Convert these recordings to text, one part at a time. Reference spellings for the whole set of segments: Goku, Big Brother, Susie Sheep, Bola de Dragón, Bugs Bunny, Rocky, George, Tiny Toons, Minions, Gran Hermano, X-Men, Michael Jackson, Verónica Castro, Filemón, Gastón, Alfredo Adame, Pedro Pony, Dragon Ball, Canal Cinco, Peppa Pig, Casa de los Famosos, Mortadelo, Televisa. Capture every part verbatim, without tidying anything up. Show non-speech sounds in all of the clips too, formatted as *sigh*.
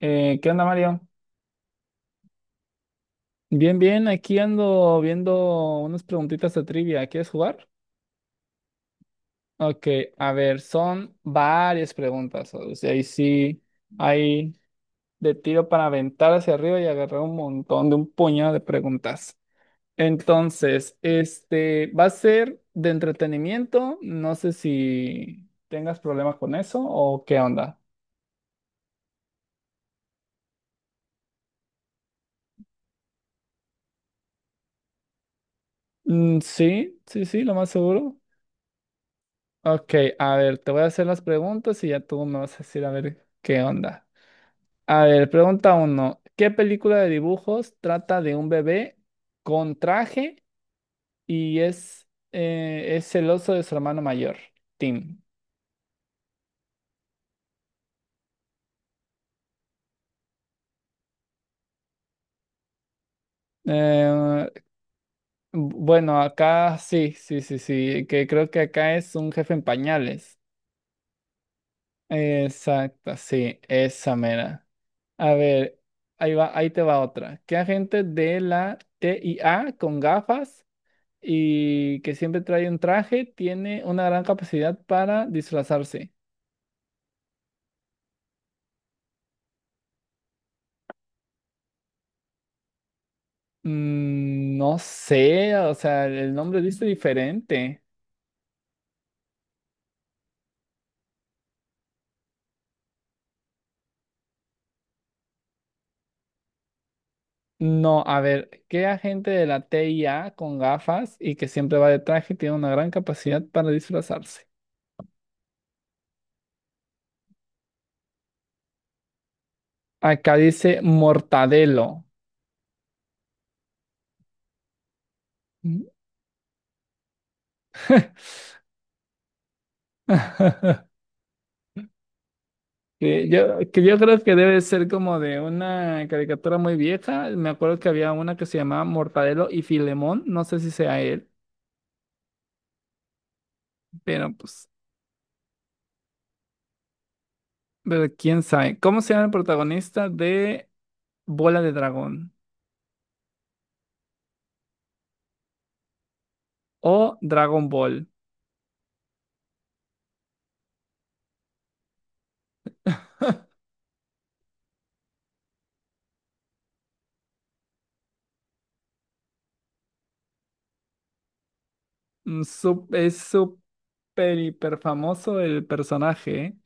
Eh, ¿qué onda, Mario? Bien, bien, aquí ando viendo unas preguntitas de trivia. ¿Quieres jugar? Ok, a ver, son varias preguntas. O sea, ahí sí hay de tiro para aventar hacia arriba y agarrar un montón de un puñado de preguntas. Entonces, este va a ser de entretenimiento. No sé si tengas problemas con eso o qué onda. Mm, sí, sí, sí, lo más seguro. Ok, a ver, te voy a hacer las preguntas y ya tú me vas a decir a ver qué onda. A ver, pregunta uno. ¿Qué película de dibujos trata de un bebé con traje y es, eh, es celoso de su hermano mayor, Tim? Eh, bueno, acá sí, sí, sí, sí, que creo que acá es un jefe en pañales. Exacto, sí, esa mera. A ver, ahí va, ahí te va otra. ¿Qué agente de la T I A con gafas y que siempre trae un traje, tiene una gran capacidad para disfrazarse? Mm, no sé, o sea, el nombre dice diferente. No, a ver, ¿qué agente de la T I A con gafas y que siempre va de traje tiene una gran capacidad para disfrazarse? Acá dice Mortadelo. Mm. *laughs* Que yo, que yo creo que debe ser como de una caricatura muy vieja. Me acuerdo que había una que se llamaba Mortadelo y Filemón. No sé si sea él. Pero pues, pero quién sabe. ¿Cómo se llama el protagonista de Bola de Dragón o Dragon Ball? Mm, su- es súper hiper famoso el personaje, ¿eh?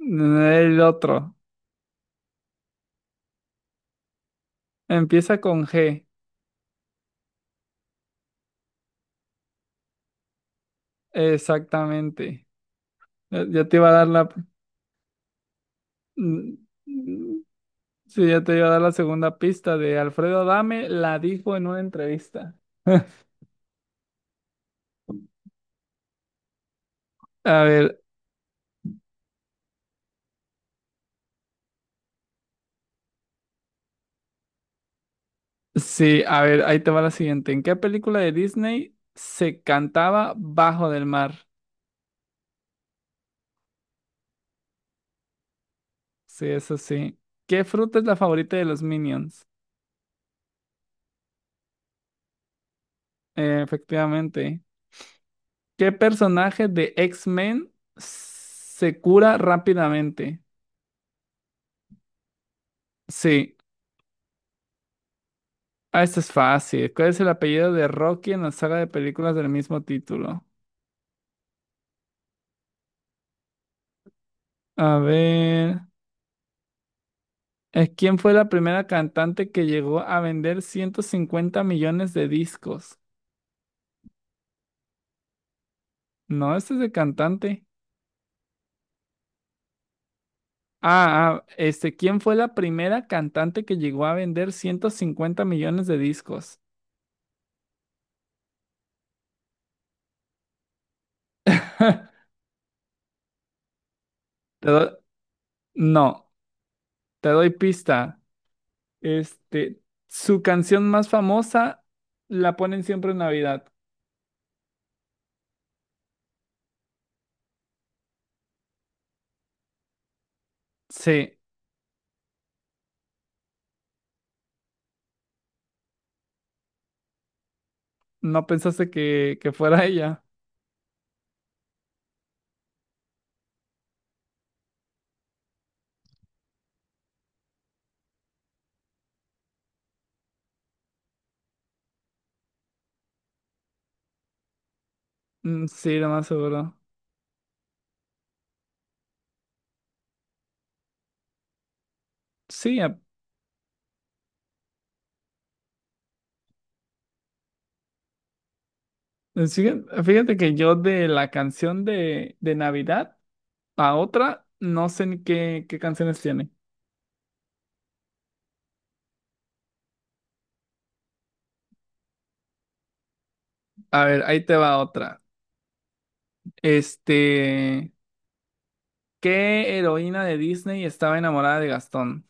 El otro. Empieza con G. Exactamente. Ya ya te iba a dar la. Mm, mm, sí, ya te iba a dar la segunda pista de Alfredo Adame. La dijo en una entrevista. *laughs* A ver, sí, a ver, ahí te va la siguiente. ¿En qué película de Disney se cantaba Bajo del Mar? Sí, eso sí. ¿Qué fruta es la favorita de los Minions? Eh, efectivamente. ¿Qué personaje de X-Men se cura rápidamente? Sí, ah, esto es fácil. ¿Cuál es el apellido de Rocky en la saga de películas del mismo título? A ver, eh, ¿quién fue la primera cantante que llegó a vender ciento cincuenta millones de discos? No, este es de cantante. Ah, ah, este, ¿quién fue la primera cantante que llegó a vender ciento cincuenta millones de discos? *laughs* Te doy- no, te doy pista. Este, su canción más famosa la ponen siempre en Navidad. Sí, no pensaste que, que fuera *laughs* ella. Mm, sí, lo más seguro. Sí, a- sí, fíjate que yo de la canción de, de Navidad a otra, no sé ni qué, qué, canciones tiene. A ver, ahí te va otra. Este. ¿Qué heroína de Disney estaba enamorada de Gastón?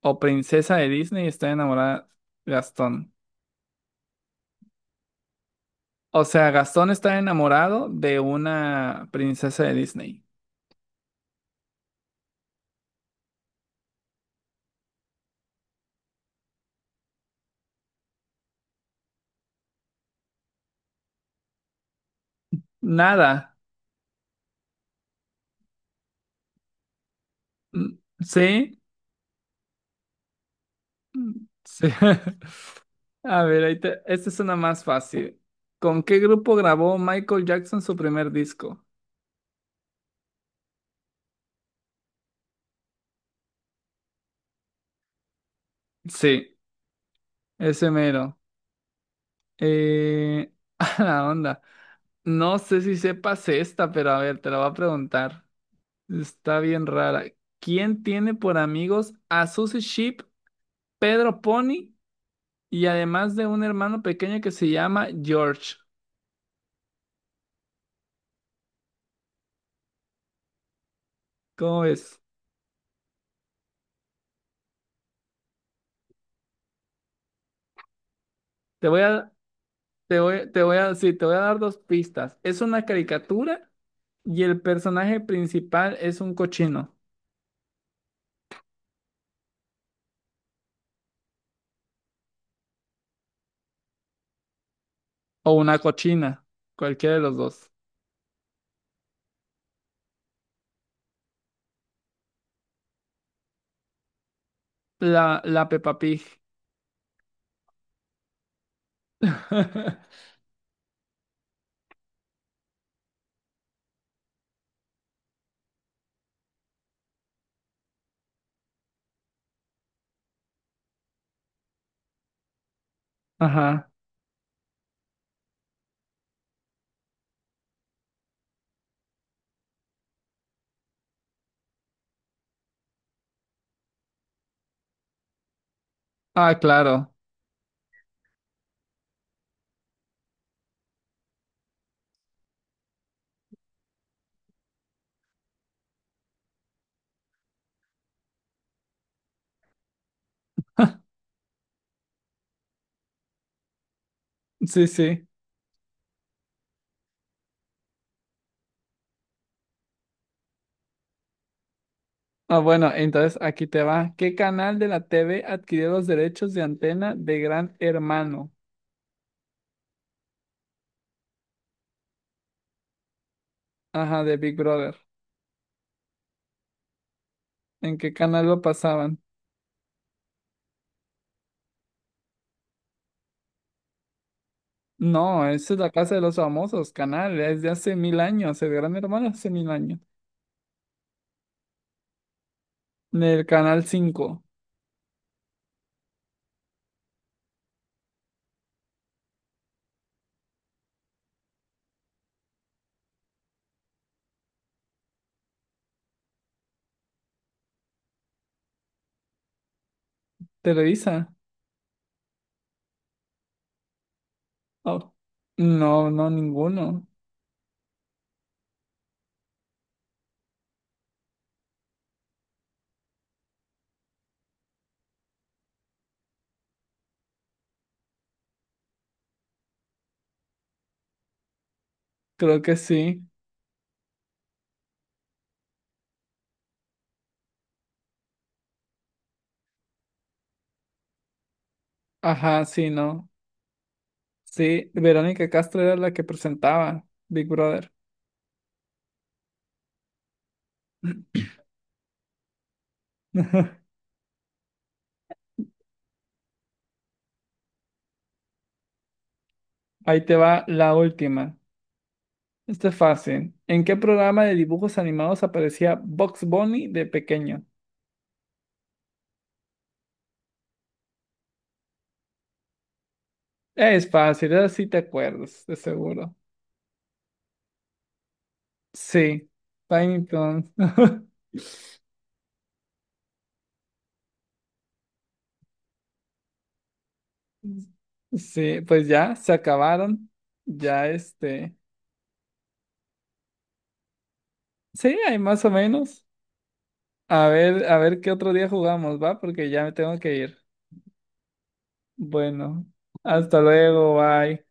¿O princesa de Disney está enamorada de Gastón? O sea, Gastón está enamorado de una princesa de Disney. Nada. Mm, ¿sí? Mm, sí. *laughs* A ver, ahí te- esta es una más fácil. ¿Con qué grupo grabó Michael Jackson su primer disco? Sí, ese mero. Eh... *laughs* A la onda. No sé si sepas esta, pero a ver, te la voy a preguntar. Está bien rara. ¿Quién tiene por amigos a Susie Sheep, Pedro Pony y además de un hermano pequeño que se llama George? ¿Cómo ves? Te voy a, te voy, te voy a, sí, te voy a dar dos pistas. Es una caricatura y el personaje principal es un cochino o una cochina, cualquiera de los dos. La, la Peppa Pig. *laughs* Ajá. Ah, claro. Sí, sí. Ah, bueno, entonces aquí te va. ¿Qué canal de la T V adquirió los derechos de antena de Gran Hermano? Ajá, de Big Brother. ¿En qué canal lo pasaban? No, esa es la Casa de los Famosos, canal, es de hace mil años, el Gran Hermano hace mil años. Del Canal Cinco. Televisa. Oh. No, no, ninguno. Creo que sí. Ajá, sí, no. Sí, Verónica Castro era la que presentaba Big Brother. *laughs* Ahí te va la última. Esto es fácil. ¿En qué programa de dibujos animados aparecía Bugs Bunny de pequeño? Es fácil, ahora sí te acuerdas, de seguro. Sí, Tiny Toons. *laughs* Sí, pues ya, se acabaron. Ya este. Sí, hay más o menos. A ver, a ver qué otro día jugamos, ¿va? Porque ya me tengo que ir. Bueno, hasta luego, bye.